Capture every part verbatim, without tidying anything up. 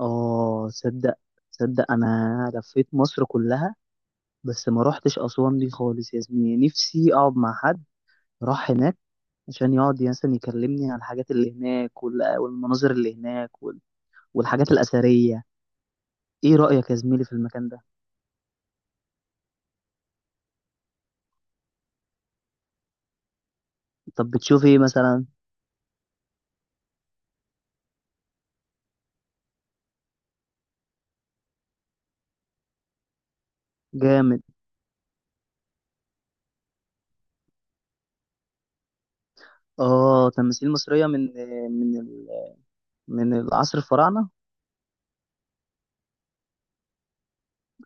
اه، تصدق تصدق انا لفيت مصر كلها. بس ما روحتش اسوان دي خالص يا زميلي، نفسي اقعد مع حد راح هناك عشان يقعد مثلا يكلمني عن الحاجات اللي هناك وال- والمناظر اللي هناك وال- والحاجات الاثريه. ايه رايك يا زميلي في المكان ده؟ طب بتشوف ايه مثلا؟ جامد. اه، تماثيل مصريه من من ال- من العصر الفراعنه،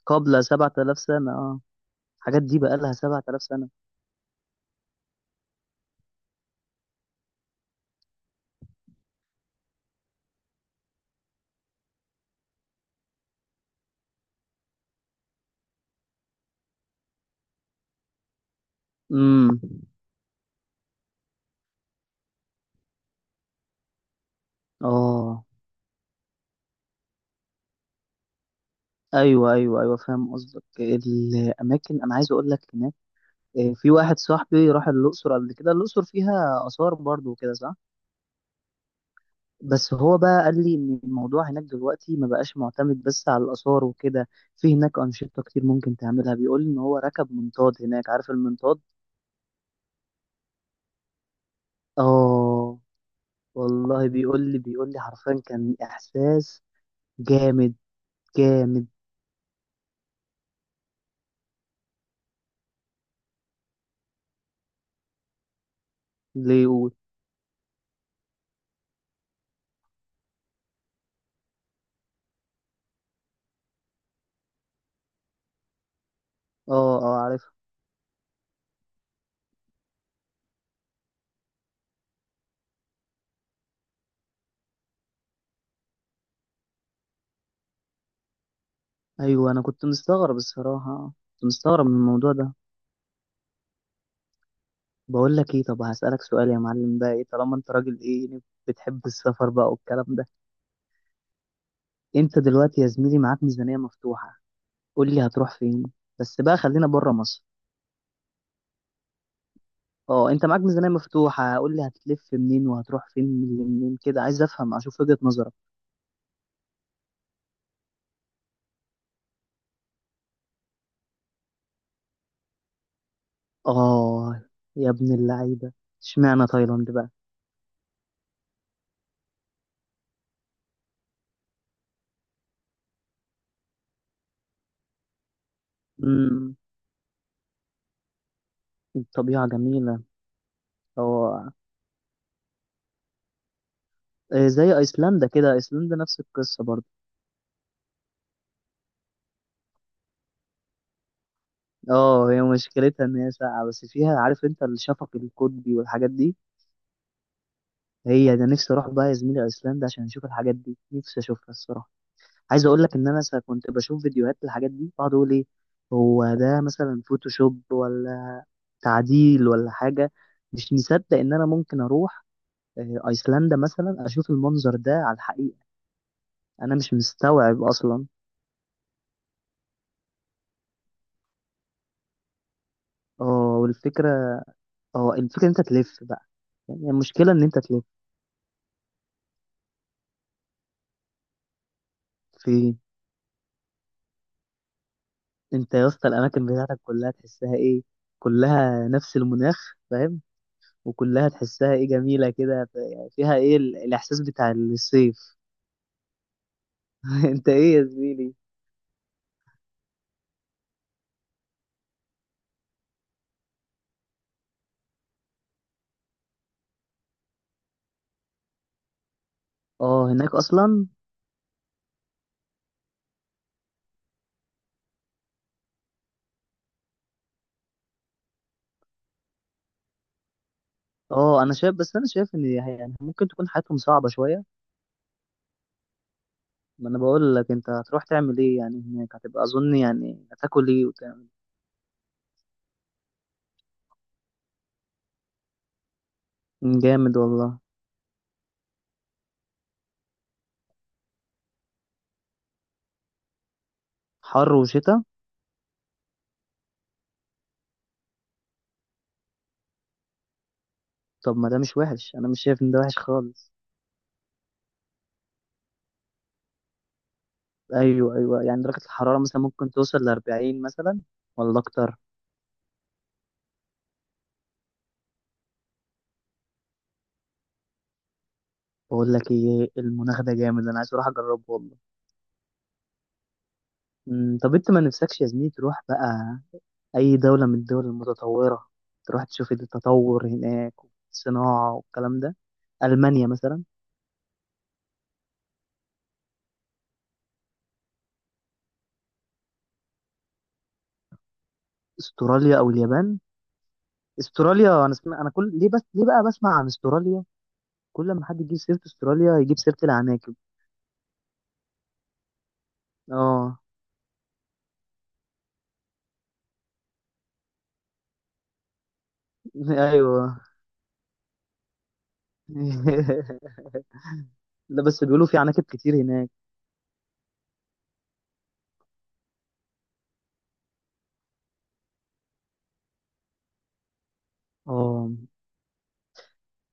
قبل سبعة آلاف سنه، اه. الحاجات دي بقى لها سبعة آلاف سنه. امم، اه. ايوه، ايوه، ايوه، فاهم قصدك. الاماكن انا عايز اقول لك هناك، آه، في واحد صاحبي راح الاقصر قبل كده. الاقصر فيها اثار برضو وكده، صح؟ بس هو بقى قال لي ان الموضوع هناك دلوقتي ما بقاش معتمد بس على الاثار وكده. في هناك انشطه كتير ممكن تعملها. بيقول لي ان هو ركب منطاد هناك. عارف المنطاد؟ اه. والله بيقول لي بيقول لي حرفيا كان احساس جامد، جامد. ليه يقول؟ اه، اه، عارف. ايوه، انا كنت مستغرب الصراحه، كنت مستغرب من الموضوع ده. بقول لك ايه؟ طب هسألك سؤال يا معلم. بقى ايه، طالما انت راجل، ايه يعني، بتحب السفر بقى والكلام ده؟ انت دلوقتي يا زميلي معاك ميزانية مفتوحة، قول لي هتروح فين؟ بس بقى خلينا بره مصر. اه، انت معاك ميزانية مفتوحة، قول لي هتلف منين وهتروح فين من- منين كده، عايز افهم اشوف وجهة نظرك. اه، يا ابن اللعيبة! اشمعنى تايلاند بقى؟ امم، الطبيعة جميلة. اه، إيه زي ايسلندا كده؟ ايسلندا نفس القصة برضه؟ اه، هي مشكلتها ان هي ساقعة، بس فيها، عارف انت، الشفق القطبي والحاجات دي. هي ده نفسي اروح بقى يا زميلي ايسلندا، عشان اشوف الحاجات دي، نفسي اشوفها الصراحة. عايز اقول لك ان انا سا- كنت بشوف فيديوهات للحاجات دي، بقعد اقول ايه، هو ده مثلا فوتوشوب ولا تعديل ولا حاجة؟ مش مصدق ان انا ممكن اروح آه، ايسلندا مثلا، اشوف المنظر ده على الحقيقة. انا مش مستوعب اصلا. اه والفكرة اه الفكرة ان انت تلف بقى. يعني المشكلة ان انت تلف. فين؟ انت يا اسطى الاماكن بتاعتك كلها تحسها ايه، كلها نفس المناخ، فاهم؟ وكلها تحسها ايه، جميله كده، ف- يعني فيها ايه ال- الاحساس بتاع الصيف. انت ايه يا زميلي؟ اه، هناك اصلا. اه، انا شايف، بس انا شايف ان هي- يعني ممكن تكون حياتهم صعبه شويه. ما انا بقول لك انت هتروح تعمل ايه يعني هناك؟ هتبقى اظن يعني هتاكل ايه وتعمل إيه؟ جامد والله. حر وشتاء؟ طب ما ده مش وحش؟ انا مش شايف ان ده وحش خالص. ايوه، ايوه، يعني درجه الحراره مثلا ممكن توصل ل أربعين مثلا، ولا اكتر. بقول لك ايه؟ المناخ ده جامد، انا عايز اروح اجربه والله. امم، طب انت ما نفسكش يا زميلي تروح بقى اي دولة من الدول المتطورة، تروح تشوف التطور هناك والصناعة والكلام ده؟ المانيا مثلا؟ استراليا او اليابان؟ استراليا، انا سمع... انا كل ليه، بس ليه بقى بسمع عن استراليا؟ كل ما حد يجيب سيرة استراليا يجيب سيرة العناكب. اه. ايوه. لا، بس بيقولوا في عناكب كتير هناك. اه.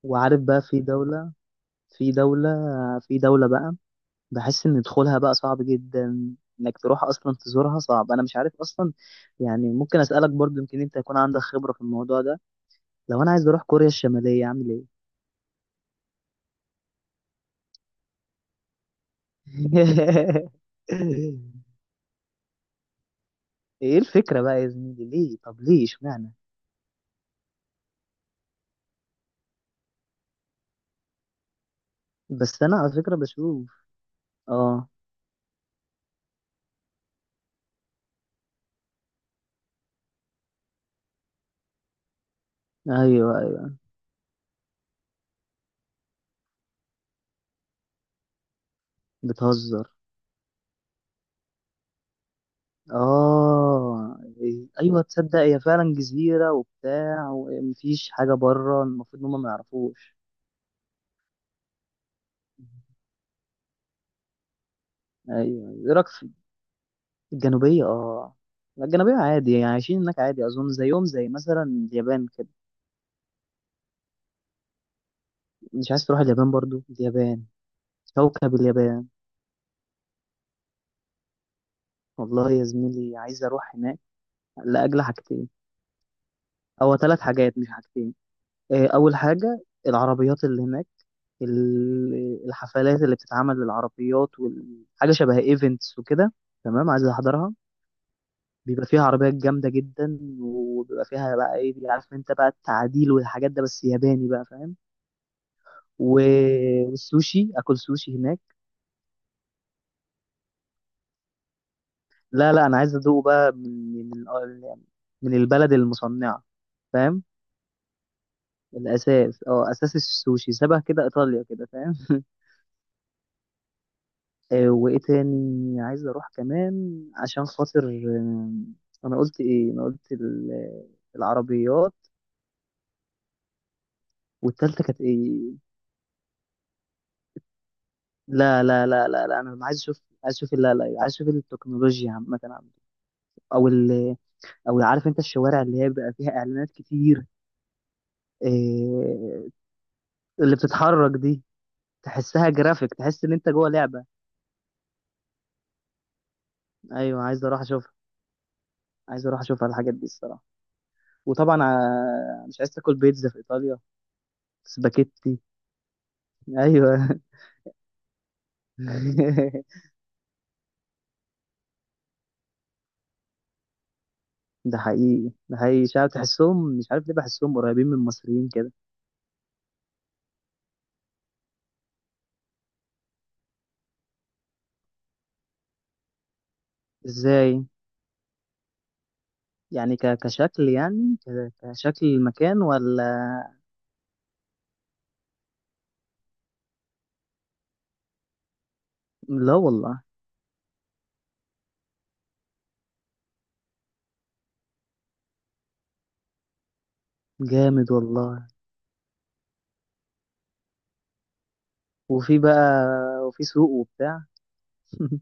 وعارف بقى، في دولة في دولة في دولة بقى بحس ان دخولها بقى صعب جدا، انك تروح اصلا تزورها صعب، انا مش عارف اصلا. يعني ممكن اسالك برضو، يمكن انت يكون عندك خبرة في الموضوع ده. لو انا عايز اروح كوريا الشمالية اعمل ايه؟ ايه الفكرة بقى يا زميلي؟ ليه؟ طب ليه؟ اشمعنى؟ بس انا على فكرة بشوف. اه. ايوه، ايوه. بتهزر. اه. ايوه تصدق، هي فعلا جزيرة وبتاع، ومفيش حاجة بره، المفروض ان هم ما يعرفوش. ايوه، ايه رايك؟ الجنوبية، اه. لا، الجنوبية عادي، يعني عايشين هناك عادي، أظن زيهم زي مثلا اليابان كده. مش عايز تروح اليابان برضو؟ اليابان، كوكب اليابان! والله يا زميلي عايز أروح هناك لأجل حاجتين، أو ثلاث حاجات، مش حاجتين. آه، أول حاجة، العربيات اللي هناك، ال- الحفلات اللي بتتعمل للعربيات، وحاجة شبه ايفنتس وكده، تمام؟ عايز أحضرها. بيبقى فيها عربيات جامدة جدا، وبيبقى فيها بقى ايه، عارف انت بقى، التعديل والحاجات ده، بس ياباني بقى، فاهم؟ والسوشي، اكل سوشي هناك. لا، لا، انا عايز ادوق بقى من من من البلد المصنعه، فاهم. الاساس اه اساس السوشي شبه كده ايطاليا كده، فاهم؟ آه، وايه تاني عايز اروح كمان عشان خاطر آه، انا قلت ايه؟ انا قلت ال- العربيات، والتالتة كانت ايه؟ لا، لا، لا، لا، لا، انا عايز اشوف عايز اشوف لا لا، عايز اشوف التكنولوجيا عامة عندكم. او ال او عارف انت الشوارع اللي هي بيبقى فيها اعلانات كتير، آه، اللي بتتحرك دي. تحسها جرافيك، تحس ان انت جوه لعبه. ايوه، عايز اروح اشوفها. عايز اروح اشوفها الحاجات دي الصراحه. وطبعا آه، مش عايز تاكل بيتزا في ايطاليا؟ سباكيتي! ايوه. ده حقيقي، ده حقيقي، شعب تحسهم، مش عارف ليه بحسهم قريبين من المصريين كده. ازاي؟ يعني ك- كشكل، يعني ك- كشكل المكان ولا؟ لا والله. جامد والله. وفي بقى وفي سوق وبتاع؟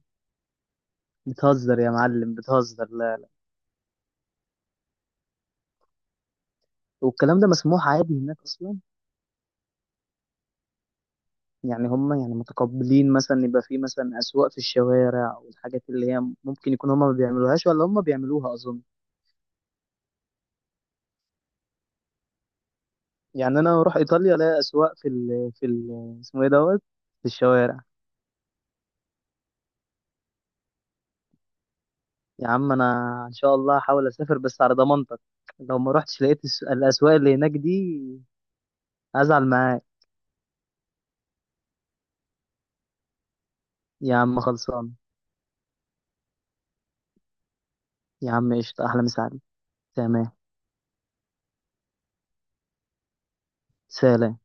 بتهزر يا معلم، بتهزر. لا. والكلام ده مسموح عادي هناك اصلا؟ يعني هم، يعني متقبلين، مثلا يبقى في مثلا أسواق في الشوارع والحاجات اللي هي ممكن يكون هم ما بيعملوهاش ولا هم بيعملوها أظن؟ يعني أنا أروح إيطاليا ألاقي أسواق في ال في ال اسمه إيه دوت في الشوارع؟ يا عم أنا إن شاء الله هحاول أسافر بس على ضمانتك. لو ما رحتش لقيت الس- الأسواق اللي هناك دي، هزعل معاك. يا عم، خلصان. يا عم، قشطة. أحلى مساعدة. تمام. سلام.